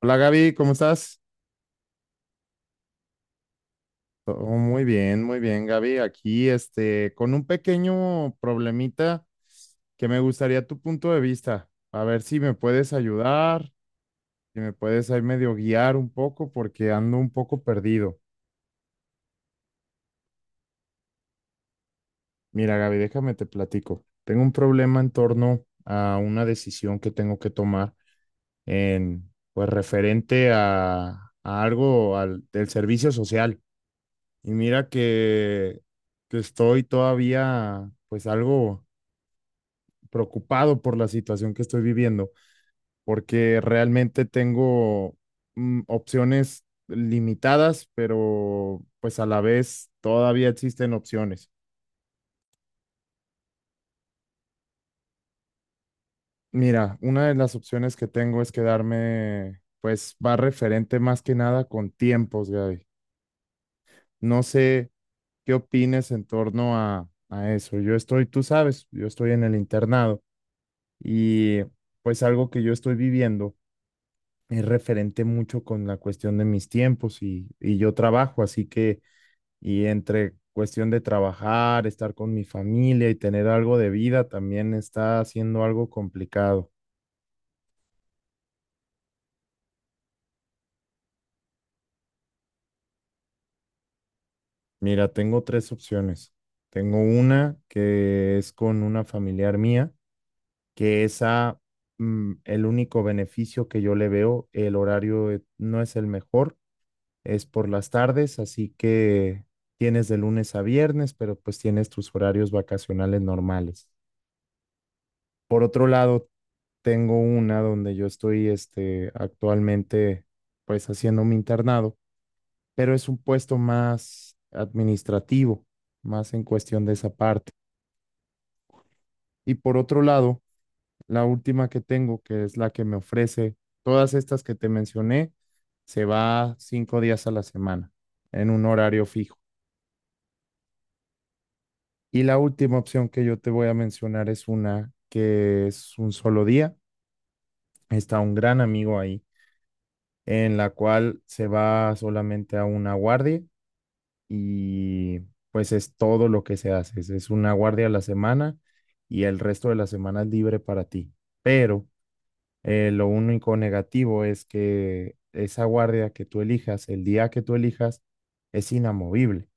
Hola Gaby, ¿cómo estás? Todo muy bien Gaby. Aquí, este, con un pequeño problemita que me gustaría tu punto de vista. A ver si me puedes ayudar, si me puedes ahí medio guiar un poco porque ando un poco perdido. Mira Gaby, déjame te platico. Tengo un problema en torno a una decisión que tengo que tomar en, pues, referente a algo al, del servicio social. Y mira que estoy todavía pues algo preocupado por la situación que estoy viviendo, porque realmente tengo opciones limitadas, pero pues a la vez todavía existen opciones. Mira, una de las opciones que tengo es quedarme, pues va referente más que nada con tiempos, Gaby. No sé qué opines en torno a, eso. Yo estoy, tú sabes, yo estoy en el internado. Y pues algo que yo estoy viviendo es referente mucho con la cuestión de mis tiempos y yo trabajo, así que, y entre cuestión de trabajar, estar con mi familia y tener algo de vida, también está siendo algo complicado. Mira, tengo tres opciones. Tengo una que es con una familiar mía, que esa, el único beneficio que yo le veo, el horario no es el mejor es por las tardes, así que tienes de lunes a viernes, pero pues tienes tus horarios vacacionales normales. Por otro lado, tengo una donde yo estoy este, actualmente pues haciendo mi internado, pero es un puesto más administrativo, más en cuestión de esa parte. Y por otro lado, la última que tengo, que es la que me ofrece todas estas que te mencioné, se va 5 días a la semana en un horario fijo. Y la última opción que yo te voy a mencionar es una que es un solo día. Está un gran amigo ahí, en la cual se va solamente a una guardia y pues es todo lo que se hace. Es una guardia a la semana y el resto de la semana es libre para ti. Pero lo único negativo es que esa guardia que tú elijas, el día que tú elijas, es inamovible.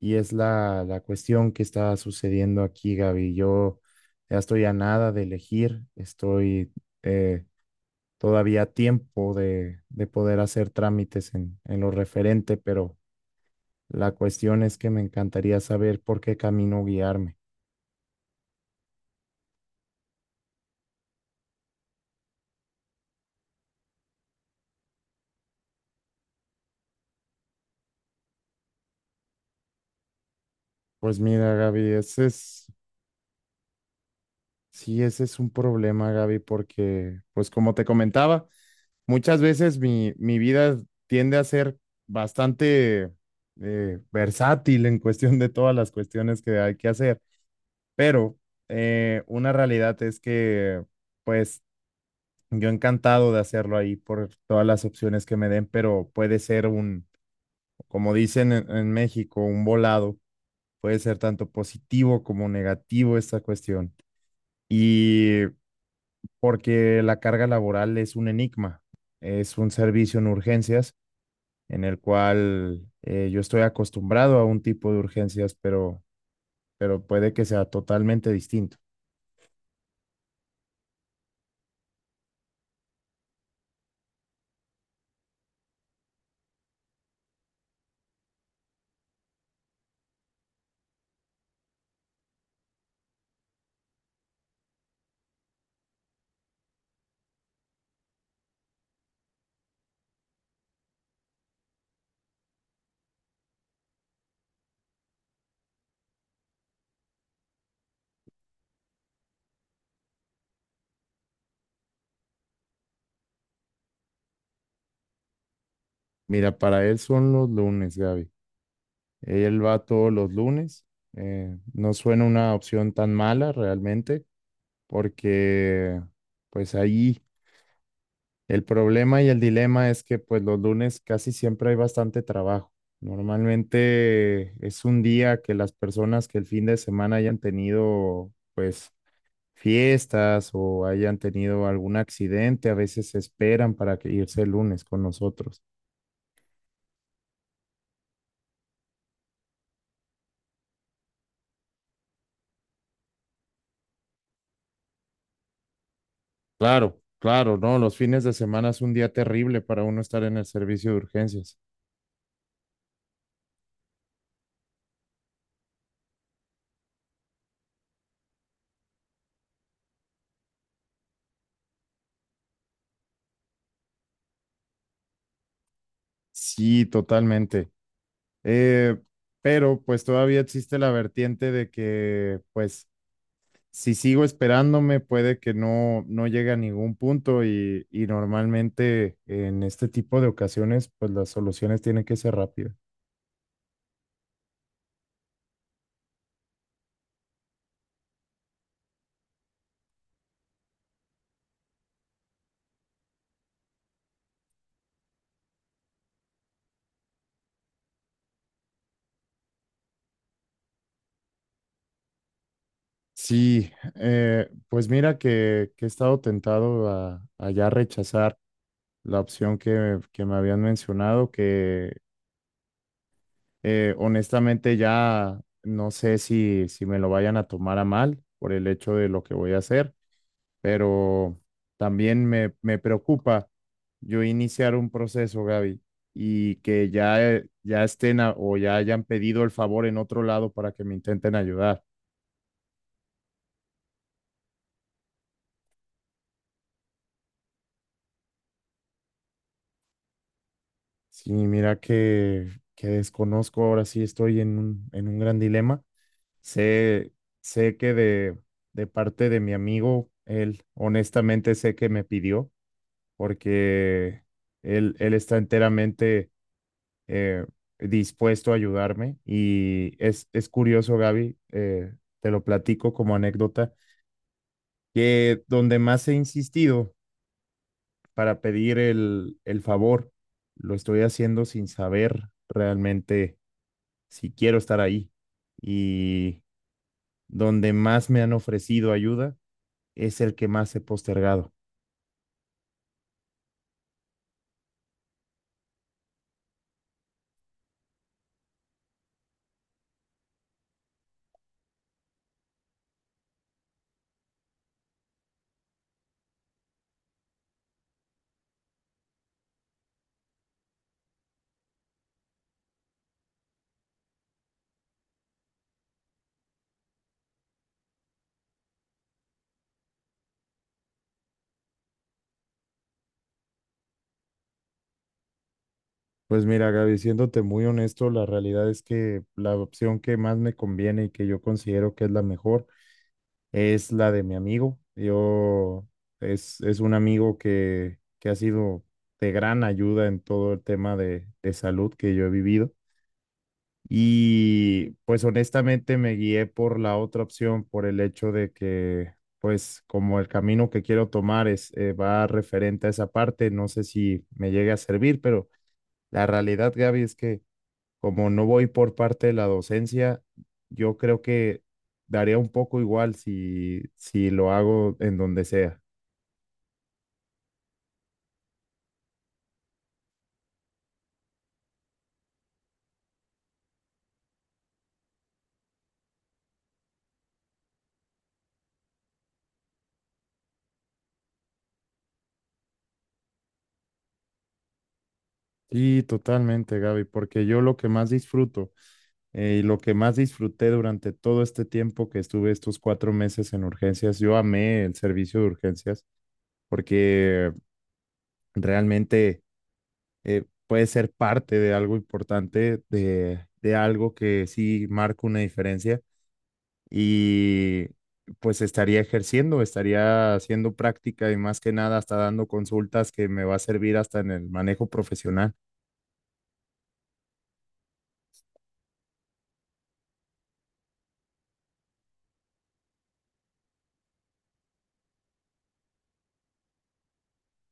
Y es la cuestión que está sucediendo aquí, Gaby. Yo ya estoy a nada de elegir, estoy eh, todavía a tiempo de poder hacer trámites en lo referente, pero la cuestión es que me encantaría saber por qué camino guiarme. Pues mira, Gaby, ese es Sí, ese es un problema, Gaby, porque, pues como te comentaba, muchas veces mi vida tiende a ser bastante versátil en cuestión de todas las cuestiones que hay que hacer, pero una realidad es que, pues, yo encantado de hacerlo ahí por todas las opciones que me den, pero puede ser un, como dicen en México, un volado, puede ser tanto positivo como negativo esta cuestión. Y porque la carga laboral es un enigma, es un servicio en urgencias en el cual yo estoy acostumbrado a un tipo de urgencias, pero puede que sea totalmente distinto. Mira, para él son los lunes, Gaby. Él va todos los lunes. No suena una opción tan mala realmente, porque pues ahí. El problema y el dilema es que pues los lunes casi siempre hay bastante trabajo. Normalmente es un día que las personas que el fin de semana hayan tenido pues fiestas o hayan tenido algún accidente, a veces se esperan para que irse el lunes con nosotros. Claro, claro, no, los fines de semana es un día terrible para uno estar en el servicio de urgencias. Sí, totalmente. Eh, pero pues todavía existe la vertiente de que pues si sigo esperándome, puede que no, no llegue a ningún punto y normalmente en este tipo de ocasiones, pues las soluciones tienen que ser rápidas. Sí, pues mira que he estado tentado a, ya rechazar la opción que me habían mencionado, que honestamente ya no sé si, si me lo vayan a tomar a mal por el hecho de lo que voy a hacer, pero también me preocupa yo iniciar un proceso, Gaby, y que ya, ya estén o ya hayan pedido el favor en otro lado para que me intenten ayudar. Sí, mira que desconozco, ahora sí estoy en un gran dilema. Sé, sé que de, parte de mi amigo, él honestamente sé que me pidió, porque él está enteramente eh, dispuesto a ayudarme. Y es curioso, Gaby, te lo platico como anécdota, que donde más he insistido para pedir el favor, lo estoy haciendo sin saber realmente si quiero estar ahí. Y donde más me han ofrecido ayuda es el que más he postergado. Pues mira, Gaby, siéndote muy honesto, la realidad es que la opción que más me conviene y que yo considero que es la mejor es la de mi amigo. Es un amigo que ha sido de gran ayuda en todo el tema de, salud que yo he vivido. Y pues honestamente me guié por la otra opción, por el hecho de que pues como el camino que quiero tomar es va referente a esa parte, no sé si me llegue a servir, pero la realidad, Gaby, es que como no voy por parte de la docencia, yo creo que daría un poco igual si, si lo hago en donde sea. Sí, totalmente, Gaby, porque yo lo que más disfruto y lo que más disfruté durante todo este tiempo que estuve estos 4 meses en urgencias, yo amé el servicio de urgencias porque realmente puede ser parte de algo importante, de, algo que sí marca una diferencia y pues estaría ejerciendo, estaría haciendo práctica y más que nada hasta dando consultas que me va a servir hasta en el manejo profesional.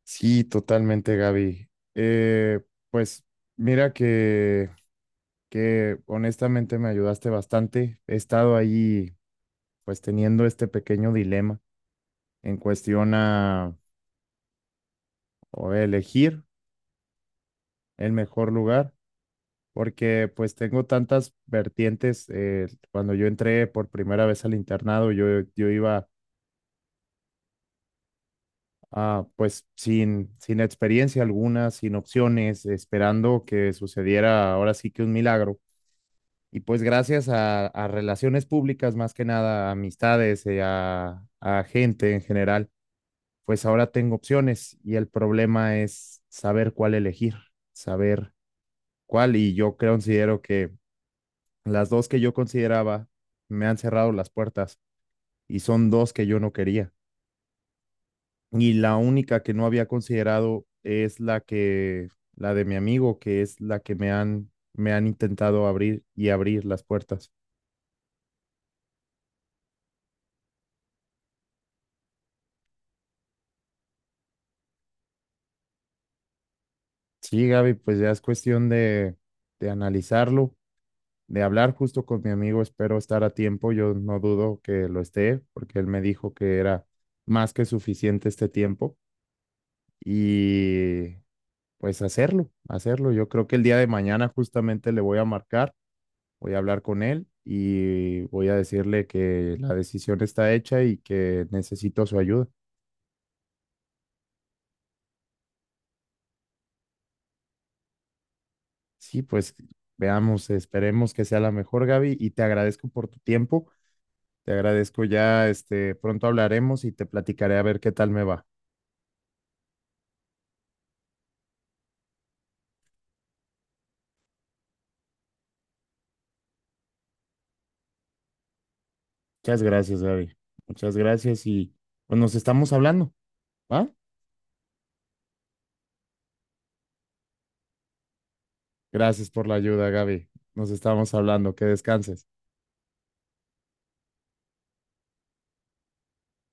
Sí, totalmente, Gaby. Eh, pues mira que honestamente me ayudaste bastante. He estado ahí pues teniendo este pequeño dilema en cuestión a o elegir el mejor lugar porque pues tengo tantas vertientes. Cuando yo entré por primera vez al internado, yo iba pues sin experiencia alguna, sin opciones, esperando que sucediera ahora sí que un milagro. Y pues gracias a, relaciones públicas, más que nada, a amistades, a, gente en general, pues ahora tengo opciones y el problema es saber cuál elegir, saber cuál. Y yo creo, considero que las dos que yo consideraba me han cerrado las puertas y son dos que yo no quería. Y la única que no había considerado es la de mi amigo, que es la que me han intentado abrir y abrir las puertas. Sí, Gaby, pues ya es cuestión de, analizarlo, de hablar justo con mi amigo. Espero estar a tiempo. Yo no dudo que lo esté, porque él me dijo que era más que suficiente este tiempo. Y pues hacerlo, hacerlo. Yo creo que el día de mañana justamente le voy a marcar, voy a hablar con él y voy a decirle que la decisión está hecha y que necesito su ayuda. Sí, pues veamos, esperemos que sea la mejor, Gaby, y te agradezco por tu tiempo. Te agradezco ya, este, pronto hablaremos y te platicaré a ver qué tal me va. Muchas gracias, Gaby. Muchas gracias y pues nos estamos hablando, ¿va? Gracias por la ayuda, Gaby. Nos estamos hablando. Que descanses.